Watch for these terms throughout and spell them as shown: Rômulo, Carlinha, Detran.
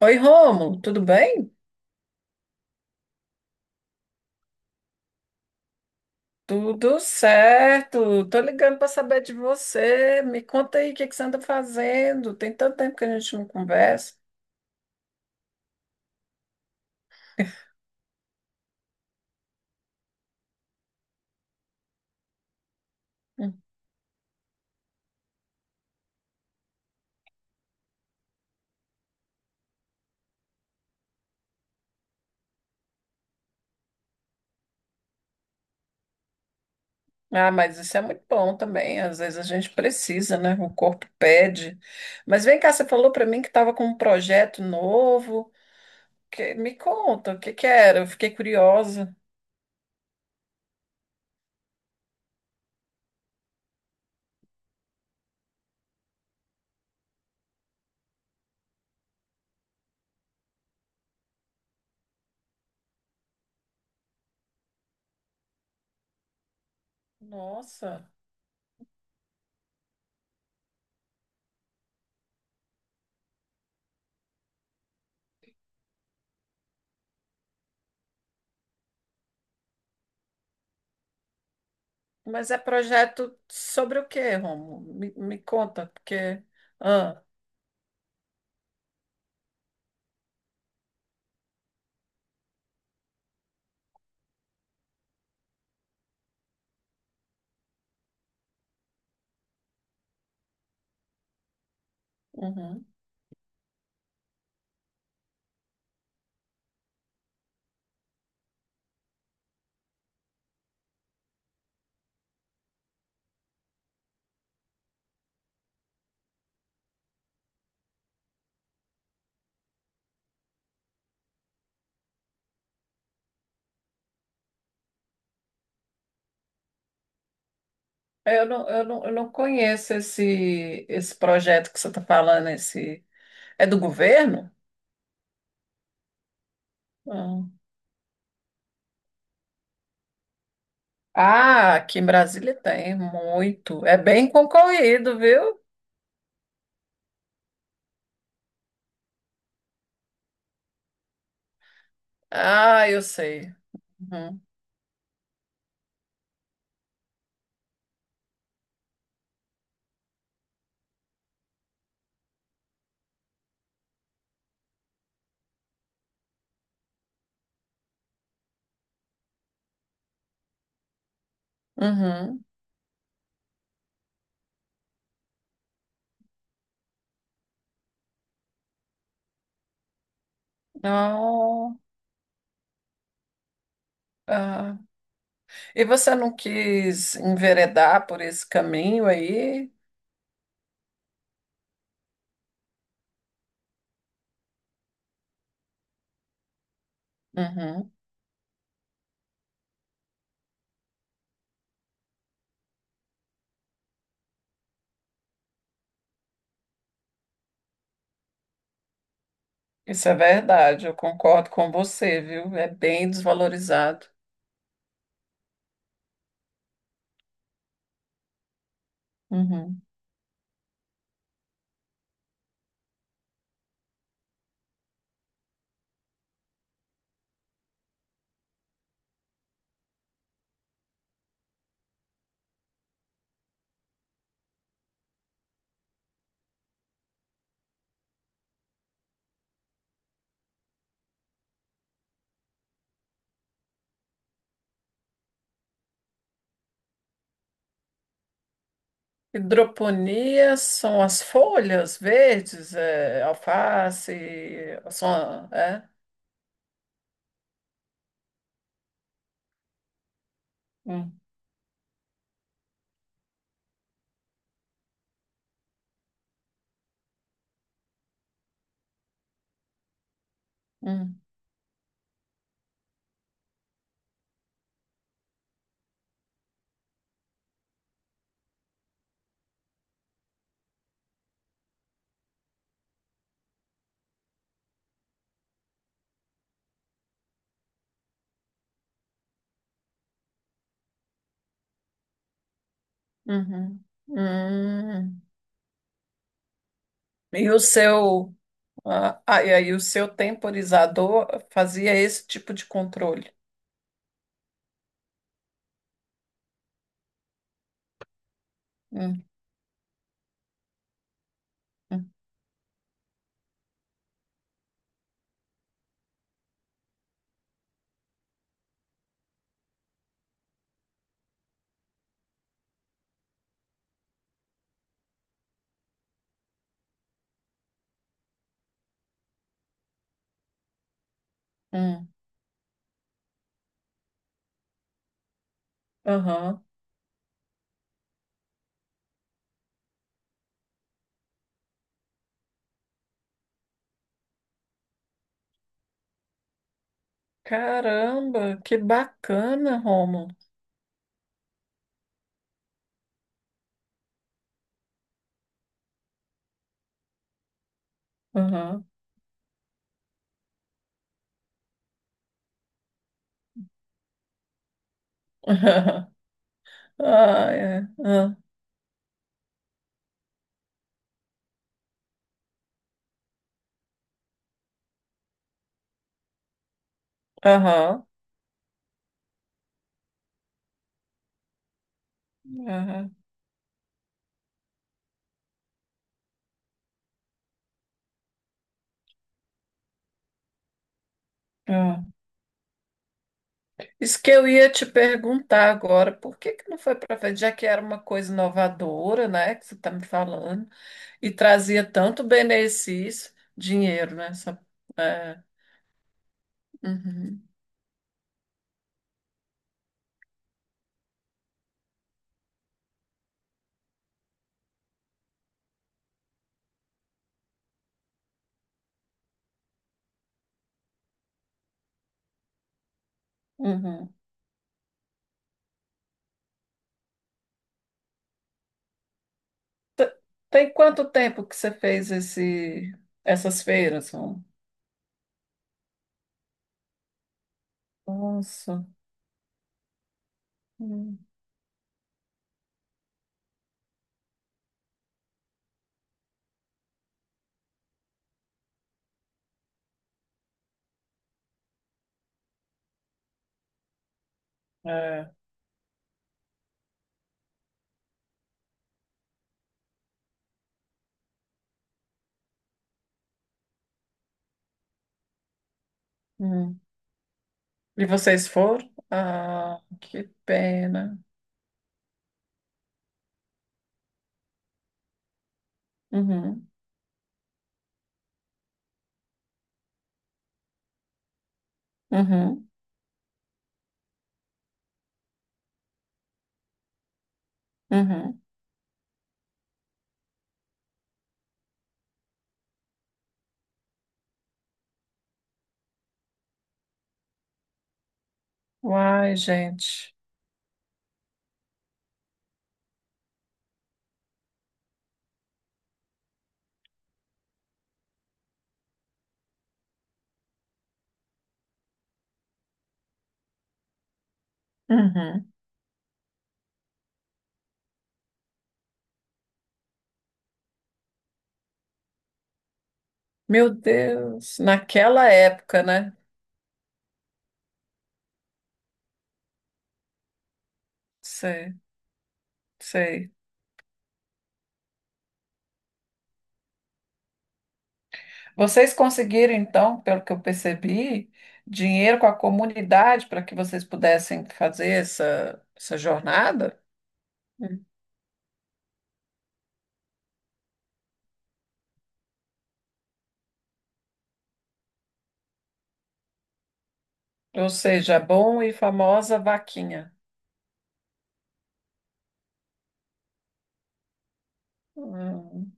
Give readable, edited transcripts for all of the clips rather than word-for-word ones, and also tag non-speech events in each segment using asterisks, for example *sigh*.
Oi, Rômulo, tudo bem? Tudo certo. Tô ligando para saber de você. Me conta aí o que que você anda fazendo. Tem tanto tempo que a gente não conversa. Hum. Ah, mas isso é muito bom também. Às vezes a gente precisa, né? O corpo pede. Mas vem cá, você falou para mim que estava com um projeto novo. Me conta, o que que era? Eu fiquei curiosa. Nossa, mas é projeto sobre o quê, Rômulo? Me conta, porque. Ah, uhum. É, Eu não conheço esse projeto que você está falando. Esse... É do governo? Não. Ah, aqui em Brasília tem muito. É bem concorrido, viu? Ah, eu sei. Uhum. Uhum. Não. Ah. E você não quis enveredar por esse caminho aí? Uhum. Isso é verdade, eu concordo com você, viu? É bem desvalorizado. Uhum. Hidroponia são as folhas verdes, é, alface, são, é? Hum, hum, uhum, hum. E o seu, e aí o seu temporizador fazia esse tipo de controle. Hum, hum, hum. Aham. Caramba, que bacana, Romulo. Aham. *laughs* Ah, é. Ah, aham. Aham. Aham. Isso que eu ia te perguntar agora, por que que não foi para frente, já que era uma coisa inovadora, né, que você está me falando, e trazia tanto benefício, dinheiro, né? É, uhum, uhum. Te- Tem quanto tempo que você fez essas feiras? Rô? Nossa. Hum, é, hum. E vocês foram? Ah, que pena. Uhum, uhum, uhum. Uai, gente. Uhum. Meu Deus, naquela época, né? Sei, sei. Vocês conseguiram, então, pelo que eu percebi, dinheiro com a comunidade para que vocês pudessem fazer essa jornada? Hum. Ou seja, a bom e famosa vaquinha. Hum,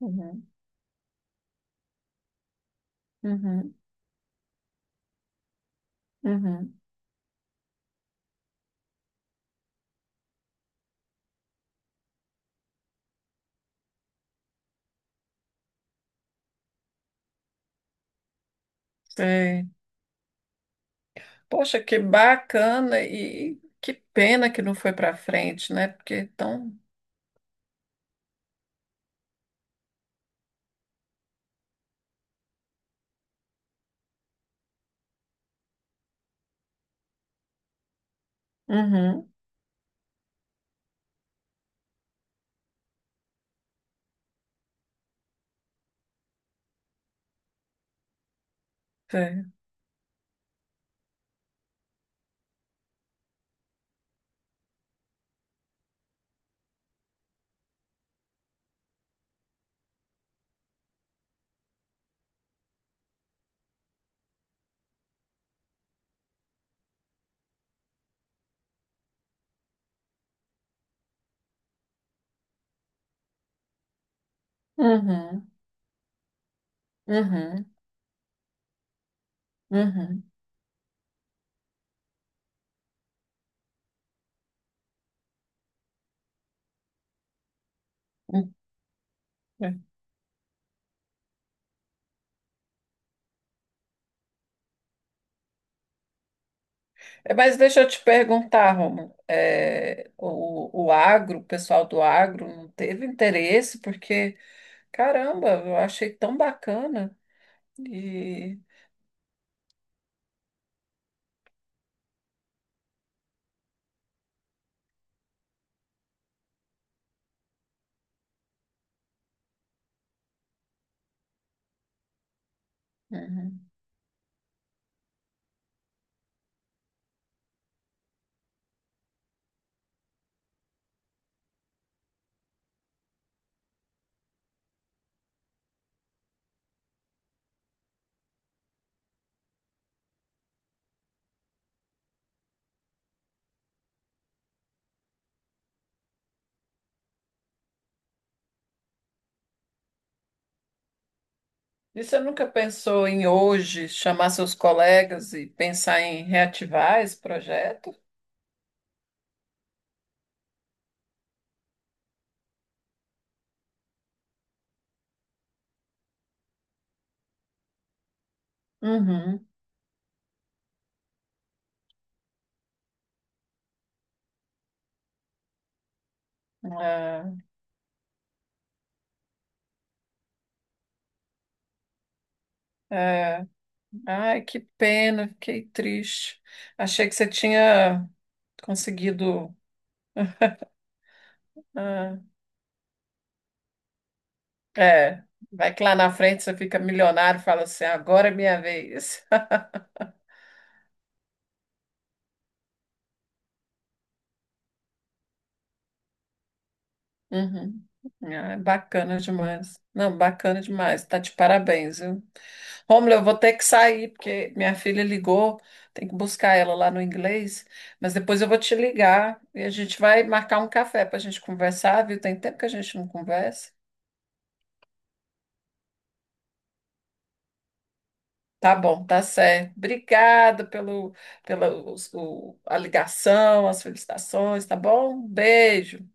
Uhum, uhum, uhum, sei. Poxa, que bacana e que pena que não foi para frente, né? Porque tão. Uhum, sei. Uhum, uhum, uhum. É, mas deixa eu te perguntar, Romulo, é, o agro, o pessoal do agro não teve interesse, porque, caramba, eu achei tão bacana. E, uhum. E você nunca pensou em hoje chamar seus colegas e pensar em reativar esse projeto? Uhum. Ah, é. Ai, que pena, fiquei triste. Achei que você tinha conseguido. Ah, é, vai que lá na frente você fica milionário e fala assim, agora é minha vez. *laughs* Uhum. Ah, é bacana demais. Não, bacana demais. Tá de parabéns, viu? Romulo, eu vou ter que sair, porque minha filha ligou, tem que buscar ela lá no inglês, mas depois eu vou te ligar e a gente vai marcar um café para a gente conversar, viu? Tem tempo que a gente não conversa. Tá bom, tá certo. Obrigada pelo, pela os- o- a ligação, as felicitações, tá bom? Beijo.